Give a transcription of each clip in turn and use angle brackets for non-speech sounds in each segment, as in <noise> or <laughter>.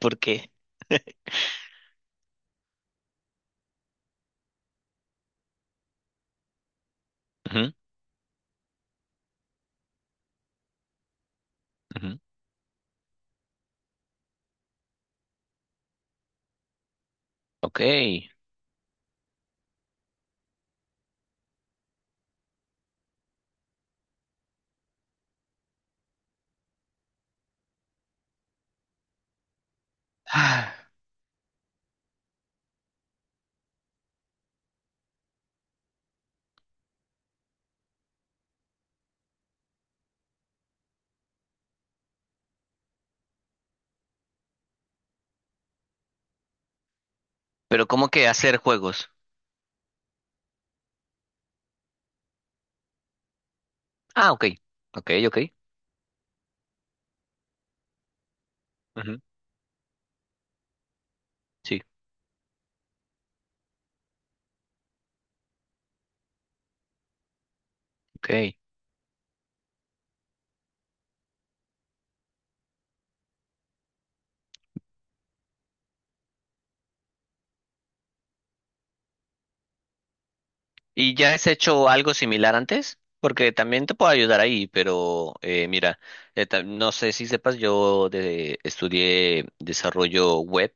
Porque. Ujú, ujú. Ok. Ah, pero ¿cómo que hacer juegos? Ah, ok. Ok, ok. Ujú, sí, ok. ¿Y ya has hecho algo similar antes? Porque también te puedo ayudar ahí, pero mira, no sé si sepas, yo estudié desarrollo web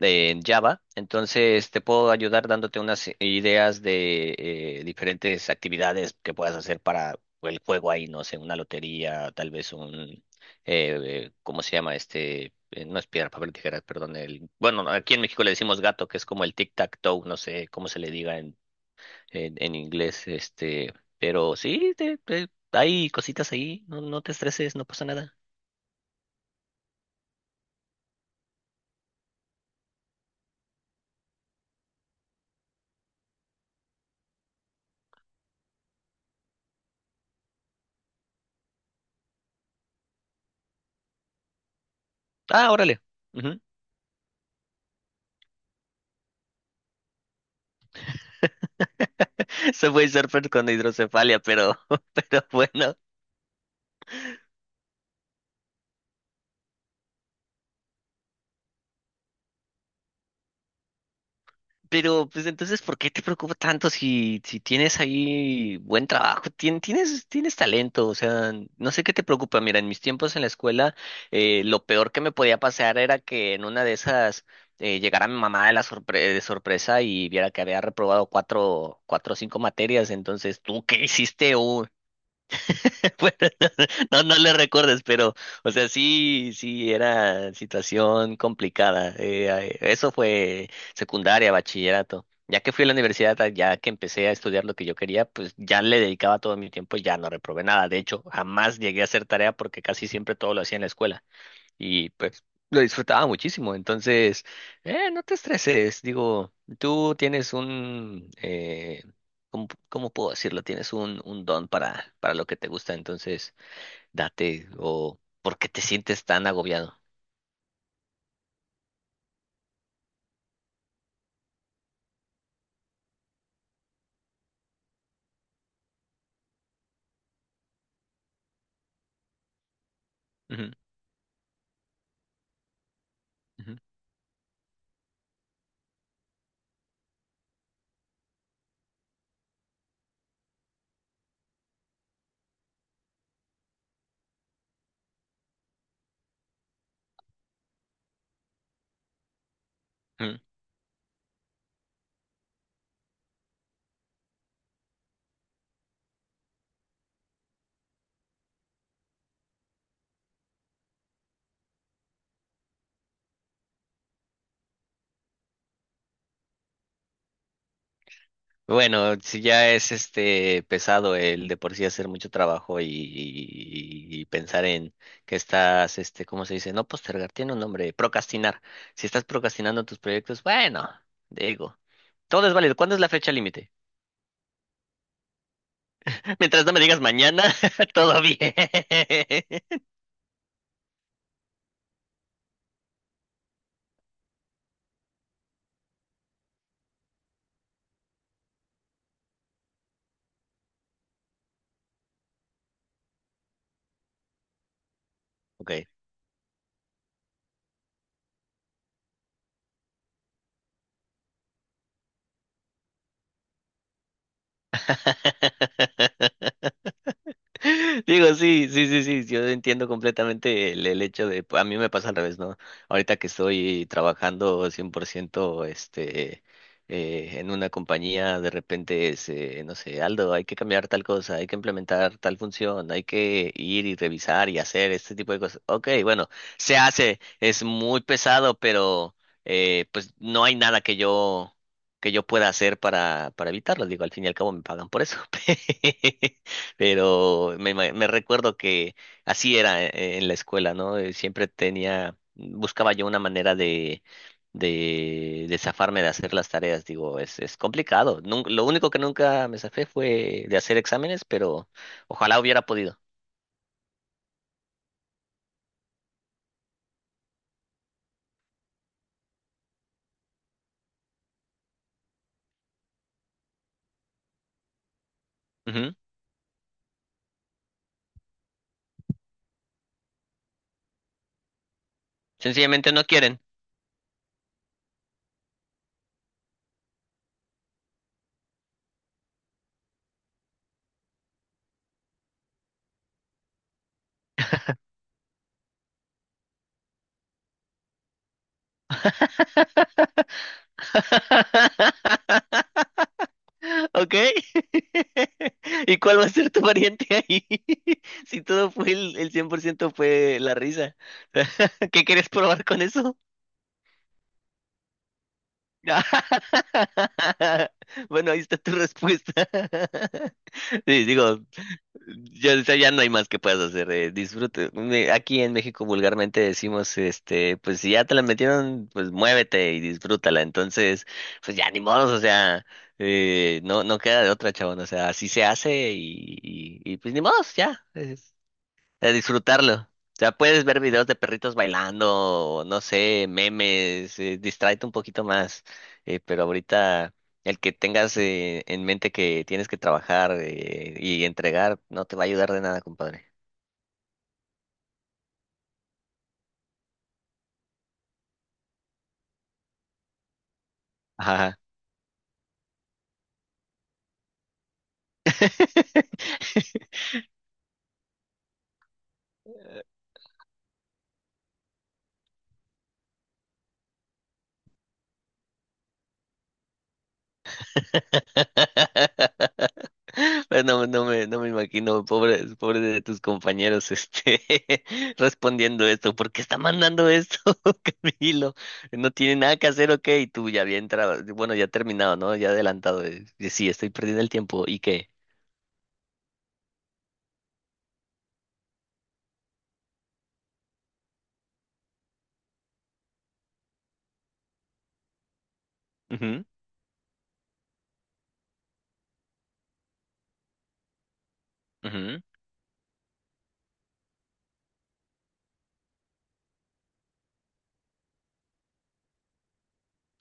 en Java, entonces te puedo ayudar dándote unas ideas de diferentes actividades que puedas hacer para el juego ahí, no sé, una lotería, tal vez un, ¿cómo se llama este? No es piedra, papel, tijeras, perdón. El, bueno, aquí en México le decimos gato, que es como el tic-tac-toe, no sé cómo se le diga en inglés, este, pero sí, hay cositas ahí, no, no te estreses, no pasa nada. Ah, órale. Ujú. <laughs> Se fue surfer con hidrocefalia, pero, <laughs> pero bueno, pero, pues entonces, ¿por qué te preocupa tanto si, tienes ahí buen trabajo? Tienes talento, o sea, no sé qué te preocupa. Mira, en mis tiempos en la escuela, lo peor que me podía pasar era que en una de esas llegara mi mamá de la de sorpresa y viera que había reprobado cuatro, cuatro o cinco materias. Entonces, ¿tú qué hiciste? <laughs> Bueno, no, no le recuerdes, pero, o sea, sí, sí, era situación complicada. Ay, eso fue secundaria, bachillerato. Ya que fui a la universidad, ah, ya que empecé a estudiar lo que yo quería, pues ya le dedicaba todo mi tiempo y ya no reprobé nada. De hecho, jamás llegué a hacer tarea porque casi siempre todo lo hacía en la escuela y pues lo disfrutaba muchísimo. Entonces, no te estreses, digo, tú tienes un, ¿cómo puedo decirlo? Tienes un don para lo que te gusta, entonces date o ¿por qué te sientes tan agobiado? Ujú, ujú, ujú. Bueno, si ya es este pesado el de por sí hacer mucho trabajo y pensar en que estás, este, ¿cómo se dice? No postergar, tiene un nombre, procrastinar. Si estás procrastinando tus proyectos, bueno, digo, todo es válido. ¿Cuándo es la fecha límite? <laughs> Mientras no me digas mañana, <laughs> todo bien. <laughs> Ok. <laughs> Digo, sí, sí, sí, sí, yo entiendo completamente el hecho de, a mí me pasa al revés, ¿no? Ahorita que estoy trabajando 100% este, en una compañía, de repente es, no sé, Aldo, hay que cambiar tal cosa, hay que implementar tal función, hay que ir y revisar y hacer este tipo de cosas. Ok, bueno, se hace, es muy pesado, pero pues no hay nada que yo pueda hacer para evitarlo. Digo, al fin y al cabo me pagan por eso. <laughs> Pero me recuerdo que así era en la escuela, ¿no? Siempre tenía, buscaba yo una manera de zafarme de hacer las tareas. Digo, es complicado. Nun- lo único que nunca me zafé fue de hacer exámenes, pero ojalá hubiera podido. Ujú. Sencillamente no quieren. <laughs> ¿Ok? <laughs> ¿Y cuál va a ser tu variante ahí? <laughs> Si todo fue el 100% fue la risa. <laughs> ¿Qué quieres probar con eso? <laughs> Bueno, ahí está tu respuesta. <laughs> Sí, digo, ya, o sea, ya no hay más que puedas hacer, disfrute. Me- Aquí en México vulgarmente decimos, este, pues si ya te la metieron, pues muévete y disfrútala. Entonces, pues ya ni modos, o sea, no, no queda de otra, chabón. O sea, así se hace y, pues ni modos, ya de disfrutarlo. O sea, puedes ver videos de perritos bailando, o no sé, memes, distráete un poquito más. Pero ahorita el que tengas en mente que tienes que trabajar y entregar no te va a ayudar de nada, compadre. Ajá. <laughs> <laughs> Pues no, no me imagino, pobre, pobre de tus compañeros, este, <laughs> respondiendo esto, ¿por qué está mandando esto, <laughs> Camilo? No tiene nada que hacer, ok, y tú ya bien, bueno, ya terminado, ¿no? Ya adelantado, de sí, estoy perdiendo el tiempo, ¿y qué? Ujú, ujú,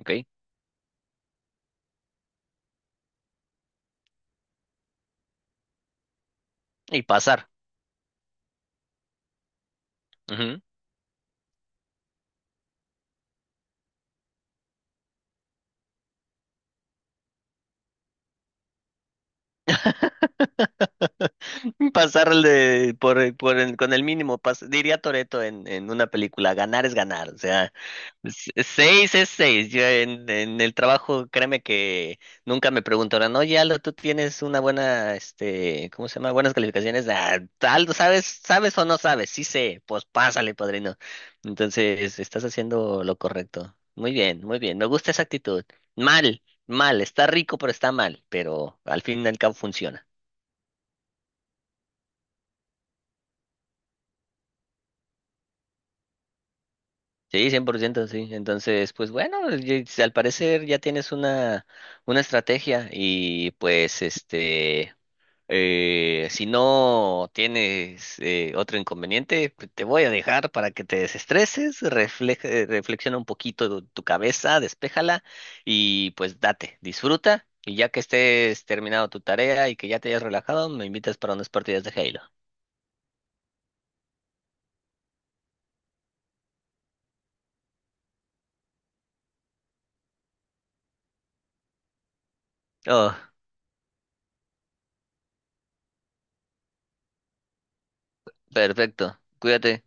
ok, y pasar. Ujú. <laughs> <laughs> Pasarle con el mínimo, diría Toretto en una película, ganar es ganar, o sea, seis es seis. Yo en el trabajo, créeme que nunca me preguntaron, oye Aldo, tú tienes una buena, este, ¿cómo se llama? Buenas calificaciones, ah, Aldo, ¿sabes o no sabes? Sí sé, pues pásale, padrino. Entonces, estás haciendo lo correcto. Muy bien, me gusta esa actitud. Mal, mal, está rico, pero está mal, pero al fin y al cabo funciona. Sí, 100%, sí. Entonces, pues bueno, si al parecer ya tienes una estrategia y pues este, si no tienes otro inconveniente, pues, te voy a dejar para que te desestreses, reflexiona un poquito tu cabeza, despéjala y pues date, disfruta y ya que estés terminado tu tarea y que ya te hayas relajado, me invitas para unas partidas de Halo. Oh, perfecto. Cuídate.